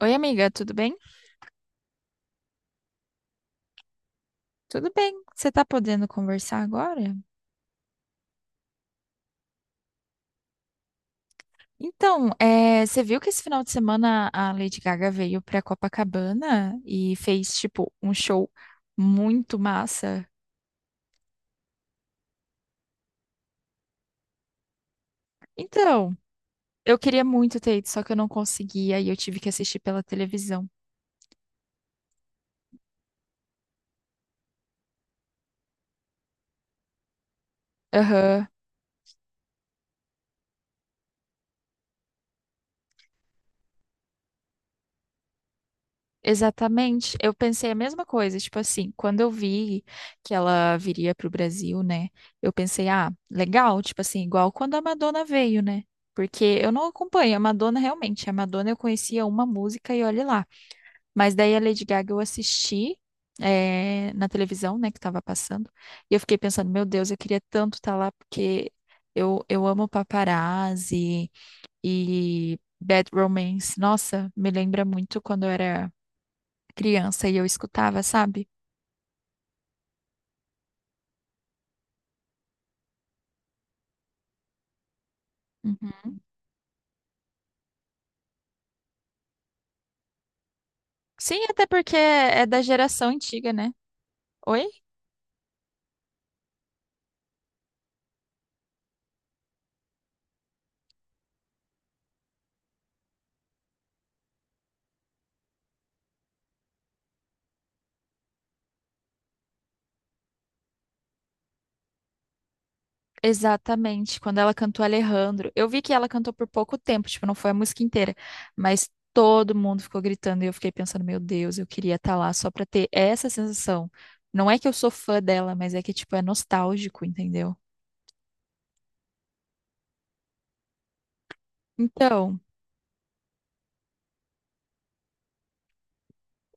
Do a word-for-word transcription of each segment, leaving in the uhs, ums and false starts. Oi, amiga, tudo bem? Tudo bem. Você tá podendo conversar agora? Então, é, você viu que esse final de semana a Lady Gaga veio pra Copacabana e fez, tipo, um show muito massa? Então, eu queria muito ter ido, só que eu não consegui, aí eu tive que assistir pela televisão. Aham. Exatamente, eu pensei a mesma coisa, tipo assim, quando eu vi que ela viria pro Brasil, né? Eu pensei, ah, legal, tipo assim, igual quando a Madonna veio, né? Porque eu não acompanho a Madonna realmente. A Madonna eu conhecia uma música e olhe lá. Mas daí a Lady Gaga eu assisti eh, na televisão, né, que tava passando. E eu fiquei pensando, meu Deus, eu queria tanto estar lá porque eu, eu amo paparazzi e Bad Romance. Nossa, me lembra muito quando eu era criança e eu escutava, sabe? Uhum. Sim, até porque é da geração antiga, né? Oi? Exatamente, quando ela cantou Alejandro. Eu vi que ela cantou por pouco tempo, tipo, não foi a música inteira, mas todo mundo ficou gritando e eu fiquei pensando, meu Deus, eu queria estar lá só pra ter essa sensação. Não é que eu sou fã dela, mas é que, tipo, é nostálgico, entendeu? Então.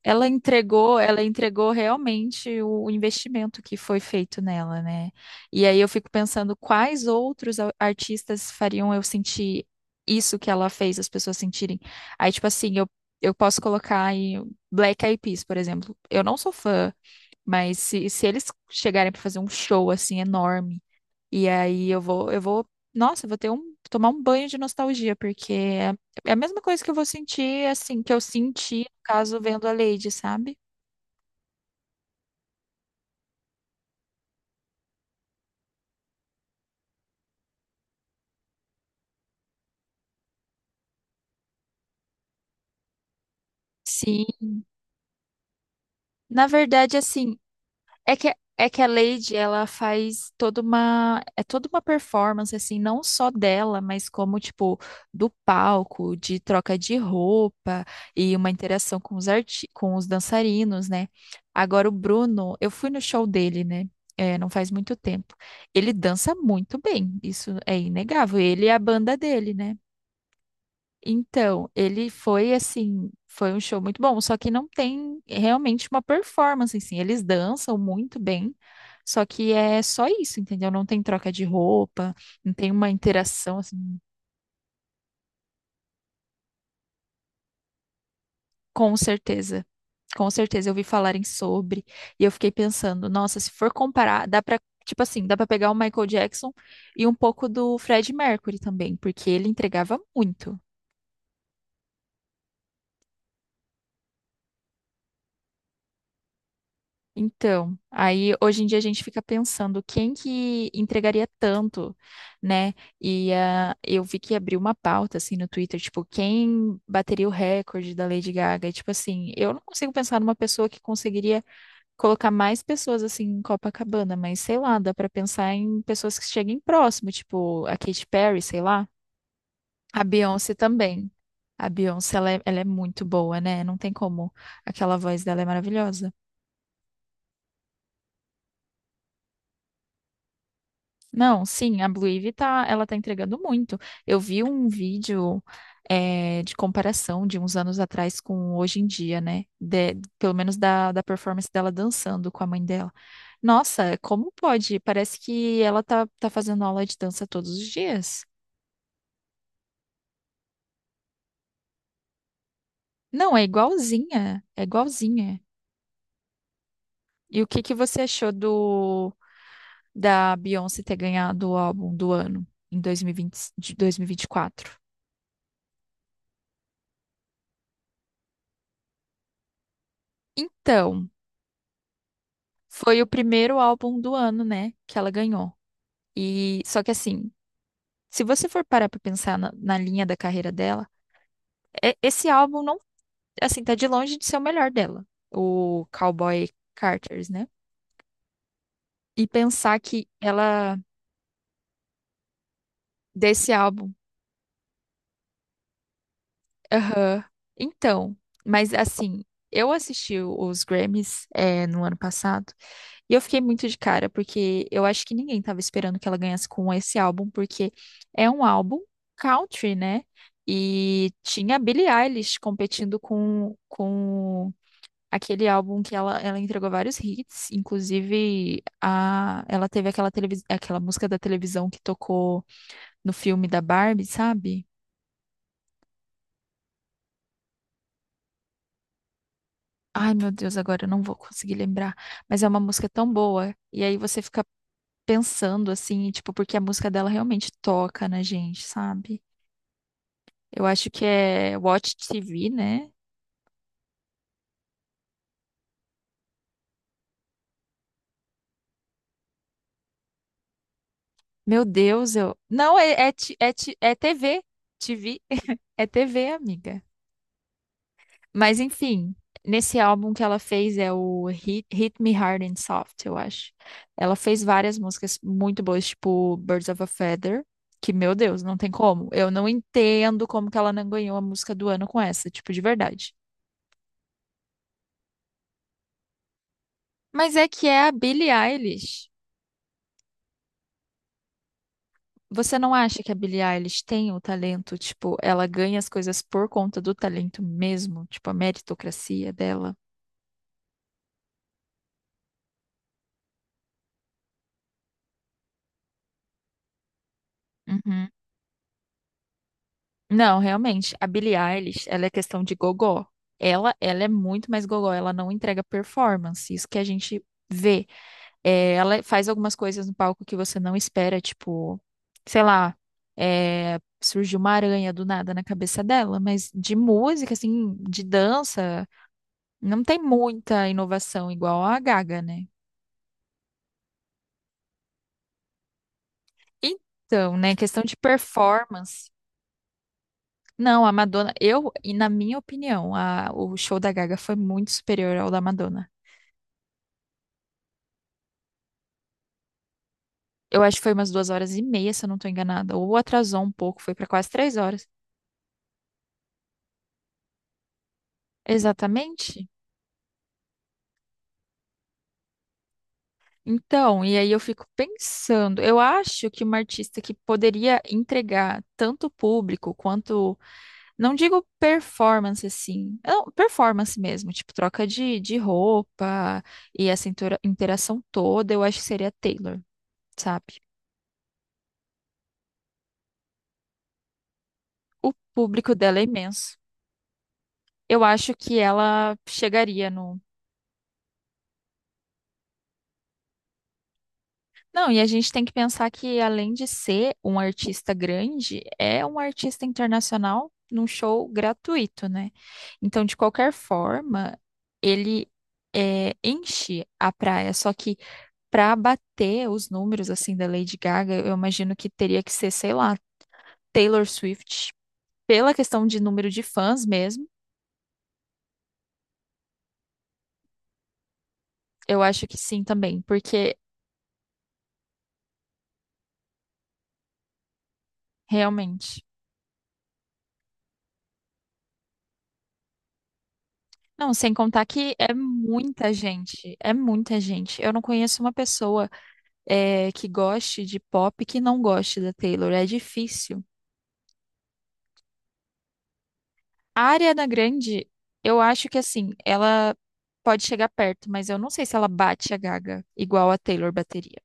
Ela entregou, ela entregou realmente o, o investimento que foi feito nela, né? E aí eu fico pensando quais outros a- artistas fariam eu sentir isso que ela fez as pessoas sentirem. Aí, tipo assim, eu, eu posso colocar aí Black Eyed Peas, por exemplo. Eu não sou fã, mas se, se eles chegarem para fazer um show assim enorme e aí eu vou, eu vou, nossa, eu vou ter um, tomar um banho de nostalgia, porque é, é a mesma coisa que eu vou sentir, assim, que eu senti, no caso, vendo a Lady, sabe? Sim. Na verdade, assim, É que, é que a Lady, ela faz toda uma, é toda uma performance, assim, não só dela, mas como, tipo, do palco, de troca de roupa e uma interação com os arti com os dançarinos, né? Agora, o Bruno, eu fui no show dele, né? É, não faz muito tempo. Ele dança muito bem, isso é inegável. Ele e a banda dele, né? Então, ele foi assim, foi um show muito bom, só que não tem realmente uma performance assim. Eles dançam muito bem, só que é só isso, entendeu? Não tem troca de roupa, não tem uma interação assim, com certeza. Com certeza eu vi falarem sobre e eu fiquei pensando, nossa, se for comparar, dá pra, tipo assim, dá pra pegar o Michael Jackson e um pouco do Fred Mercury também, porque ele entregava muito. Então, aí hoje em dia a gente fica pensando quem que entregaria tanto, né? E ah, eu vi que abriu uma pauta assim no Twitter, tipo, quem bateria o recorde da Lady Gaga? E, tipo assim, eu não consigo pensar numa pessoa que conseguiria colocar mais pessoas assim em Copacabana, mas sei lá, dá pra pensar em pessoas que cheguem próximo, tipo a Katy Perry, sei lá, a Beyoncé também. A Beyoncé, ela é, ela é muito boa, né? Não tem como. Aquela voz dela é maravilhosa. Não, sim, a Blue Ivy tá, ela tá entregando muito. Eu vi um vídeo eh, de comparação de uns anos atrás com hoje em dia, né? De- pelo menos da, da performance dela dançando com a mãe dela. Nossa, como pode? Parece que ela tá, tá fazendo aula de dança todos os dias. Não, é igualzinha, é igualzinha. E o que que você achou do da Beyoncé ter ganhado o álbum do ano em dois mil e vinte de dois mil e vinte e quatro? Então, Foi o primeiro álbum do ano, né, que ela ganhou. E só que assim, se você for parar pra pensar na, na linha da carreira dela, é- esse álbum não, assim, tá de longe de ser o melhor dela, o Cowboy Carters, né? E pensar que ela desse álbum, aham. Então, mas assim, eu assisti os Grammys é, no ano passado. E eu fiquei muito de cara, porque eu acho que ninguém tava esperando que ela ganhasse com esse álbum, porque é um álbum country, né? E tinha a Billie Eilish competindo com, com aquele álbum que ela, ela entregou vários hits, inclusive a, ela teve aquela, televis, aquela música da televisão que tocou no filme da Barbie, sabe? Ai, meu Deus, agora eu não vou conseguir lembrar, mas é uma música tão boa. E aí você fica pensando assim, tipo, porque a música dela realmente toca na gente, sabe? Eu acho que é Watch T V, né? Meu Deus, eu. Não, é, é, ti- é, ti- é T V. T V. É T V, amiga. Mas enfim, nesse álbum que ela fez é o Hit, Hit Me Hard and Soft, eu acho. Ela fez várias músicas muito boas, tipo Birds of a Feather, que, meu Deus, não tem como. Eu não entendo como que ela não ganhou a música do ano com essa, tipo, de verdade. Mas é que é a Billie Eilish. Você não acha que a Billie Eilish tem o talento? Tipo, ela ganha as coisas por conta do talento mesmo? Tipo, a meritocracia dela? Uhum. Não, realmente, a Billie Eilish, ela é questão de gogó. Ela, ela é muito mais gogó, ela não entrega performance, isso que a gente vê. É, ela faz algumas coisas no palco que você não espera, tipo, sei lá, é, surgiu uma aranha do nada na cabeça dela, mas de música, assim, de dança, não tem muita inovação igual a Gaga, né? Então, né, questão de performance. Não, a Madonna, eu, e na minha opinião, a- o show da Gaga foi muito superior ao da Madonna. Eu acho que foi umas duas horas e meia, se eu não tô enganada. Ou atrasou um pouco, foi pra quase três horas. Exatamente. Então, e aí eu fico pensando, eu acho que uma artista que poderia entregar tanto o público quanto. Não digo performance assim, não, performance mesmo, tipo troca de, de roupa e essa intura- interação toda, eu acho que seria a Taylor, sabe? O público dela é imenso. Eu acho que ela chegaria no. Não, e a gente tem que pensar que além de ser um artista grande, é um artista internacional num show gratuito, né? Então, de qualquer forma, ele é, enche a praia, só que para bater os números assim da Lady Gaga, eu imagino que teria que ser, sei lá, Taylor Swift. Pela questão de número de fãs mesmo, eu acho que sim também, porque realmente. Não, sem contar que é muita gente, é muita gente. Eu não conheço uma pessoa eh, que goste de pop que não goste da Taylor, é difícil. A Ariana Grande, eu acho que assim, ela pode chegar perto, mas eu não sei se ela bate a Gaga igual a Taylor bateria.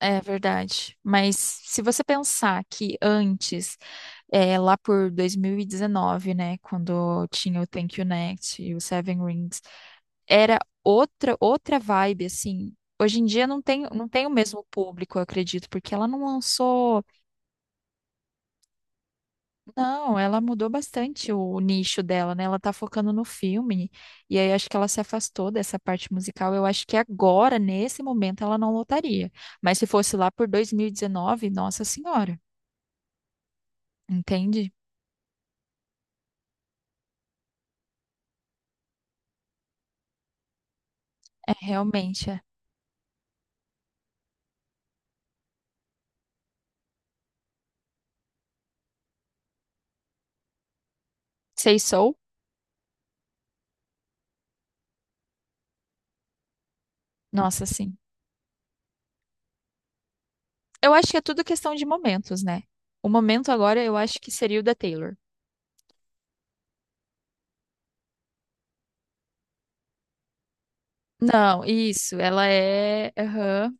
É verdade. Mas se você pensar que antes, é, lá por dois mil e dezenove, né, quando tinha o Thank You Next e o Seven Rings, era outra outra vibe, assim. Hoje em dia não tem, não tem o mesmo público, eu acredito, porque ela não lançou. Não, ela mudou bastante o nicho dela, né? Ela tá focando no filme. E aí acho que ela se afastou dessa parte musical. Eu acho que agora, nesse momento, ela não lotaria. Mas se fosse lá por dois mil e dezenove, nossa senhora. Entende? É realmente. É. Sei sou? Nossa, sim. Eu acho que é tudo questão de momentos, né? O momento agora eu acho que seria o da Taylor. Não, isso. Ela é. aham.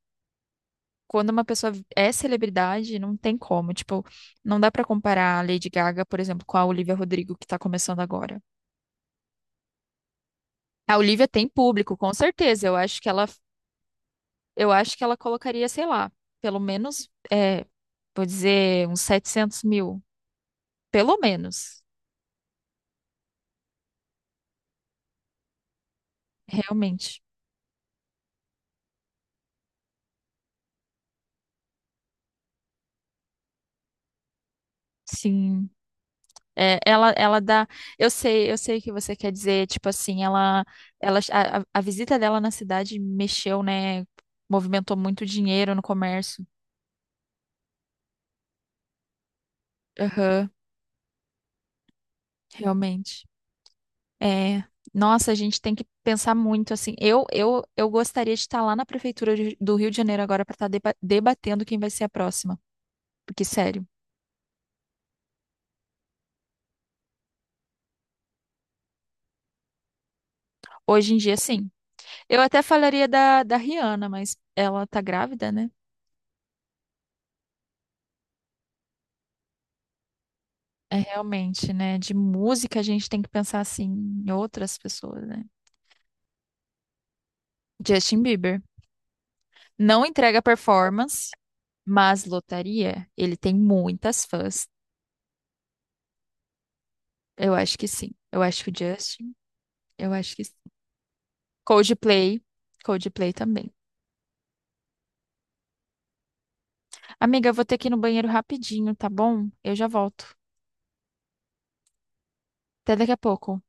Quando uma pessoa é celebridade, não tem como. Tipo, não dá pra comparar a Lady Gaga, por exemplo, com a Olivia Rodrigo que tá começando agora. A Olivia tem público, com certeza. Eu acho que ela, eu acho que ela colocaria, sei lá, pelo menos, é, vou dizer, uns setecentos mil. Pelo menos, realmente. Sim. É, ela, ela dá. Eu sei, eu sei o que você quer dizer. Tipo assim, ela, ela, a, a a visita dela na cidade mexeu, né? Movimentou muito dinheiro no comércio. Aham, realmente. É, nossa, a gente tem que pensar muito assim. Eu, eu, eu gostaria de estar lá na prefeitura de- do Rio de Janeiro agora para estar deba- debatendo quem vai ser a próxima. Porque, sério, hoje em dia, sim. Eu até falaria da, da Rihanna, mas ela tá grávida, né? É realmente, né? De música a gente tem que pensar assim em outras pessoas, né? Justin Bieber não entrega performance, mas lotaria. Ele tem muitas fãs. Eu acho que sim. Eu acho que o Justin, eu acho que sim. Coldplay, Coldplay também. Amiga, eu vou ter que ir no banheiro rapidinho, tá bom? Eu já volto. Até daqui a pouco.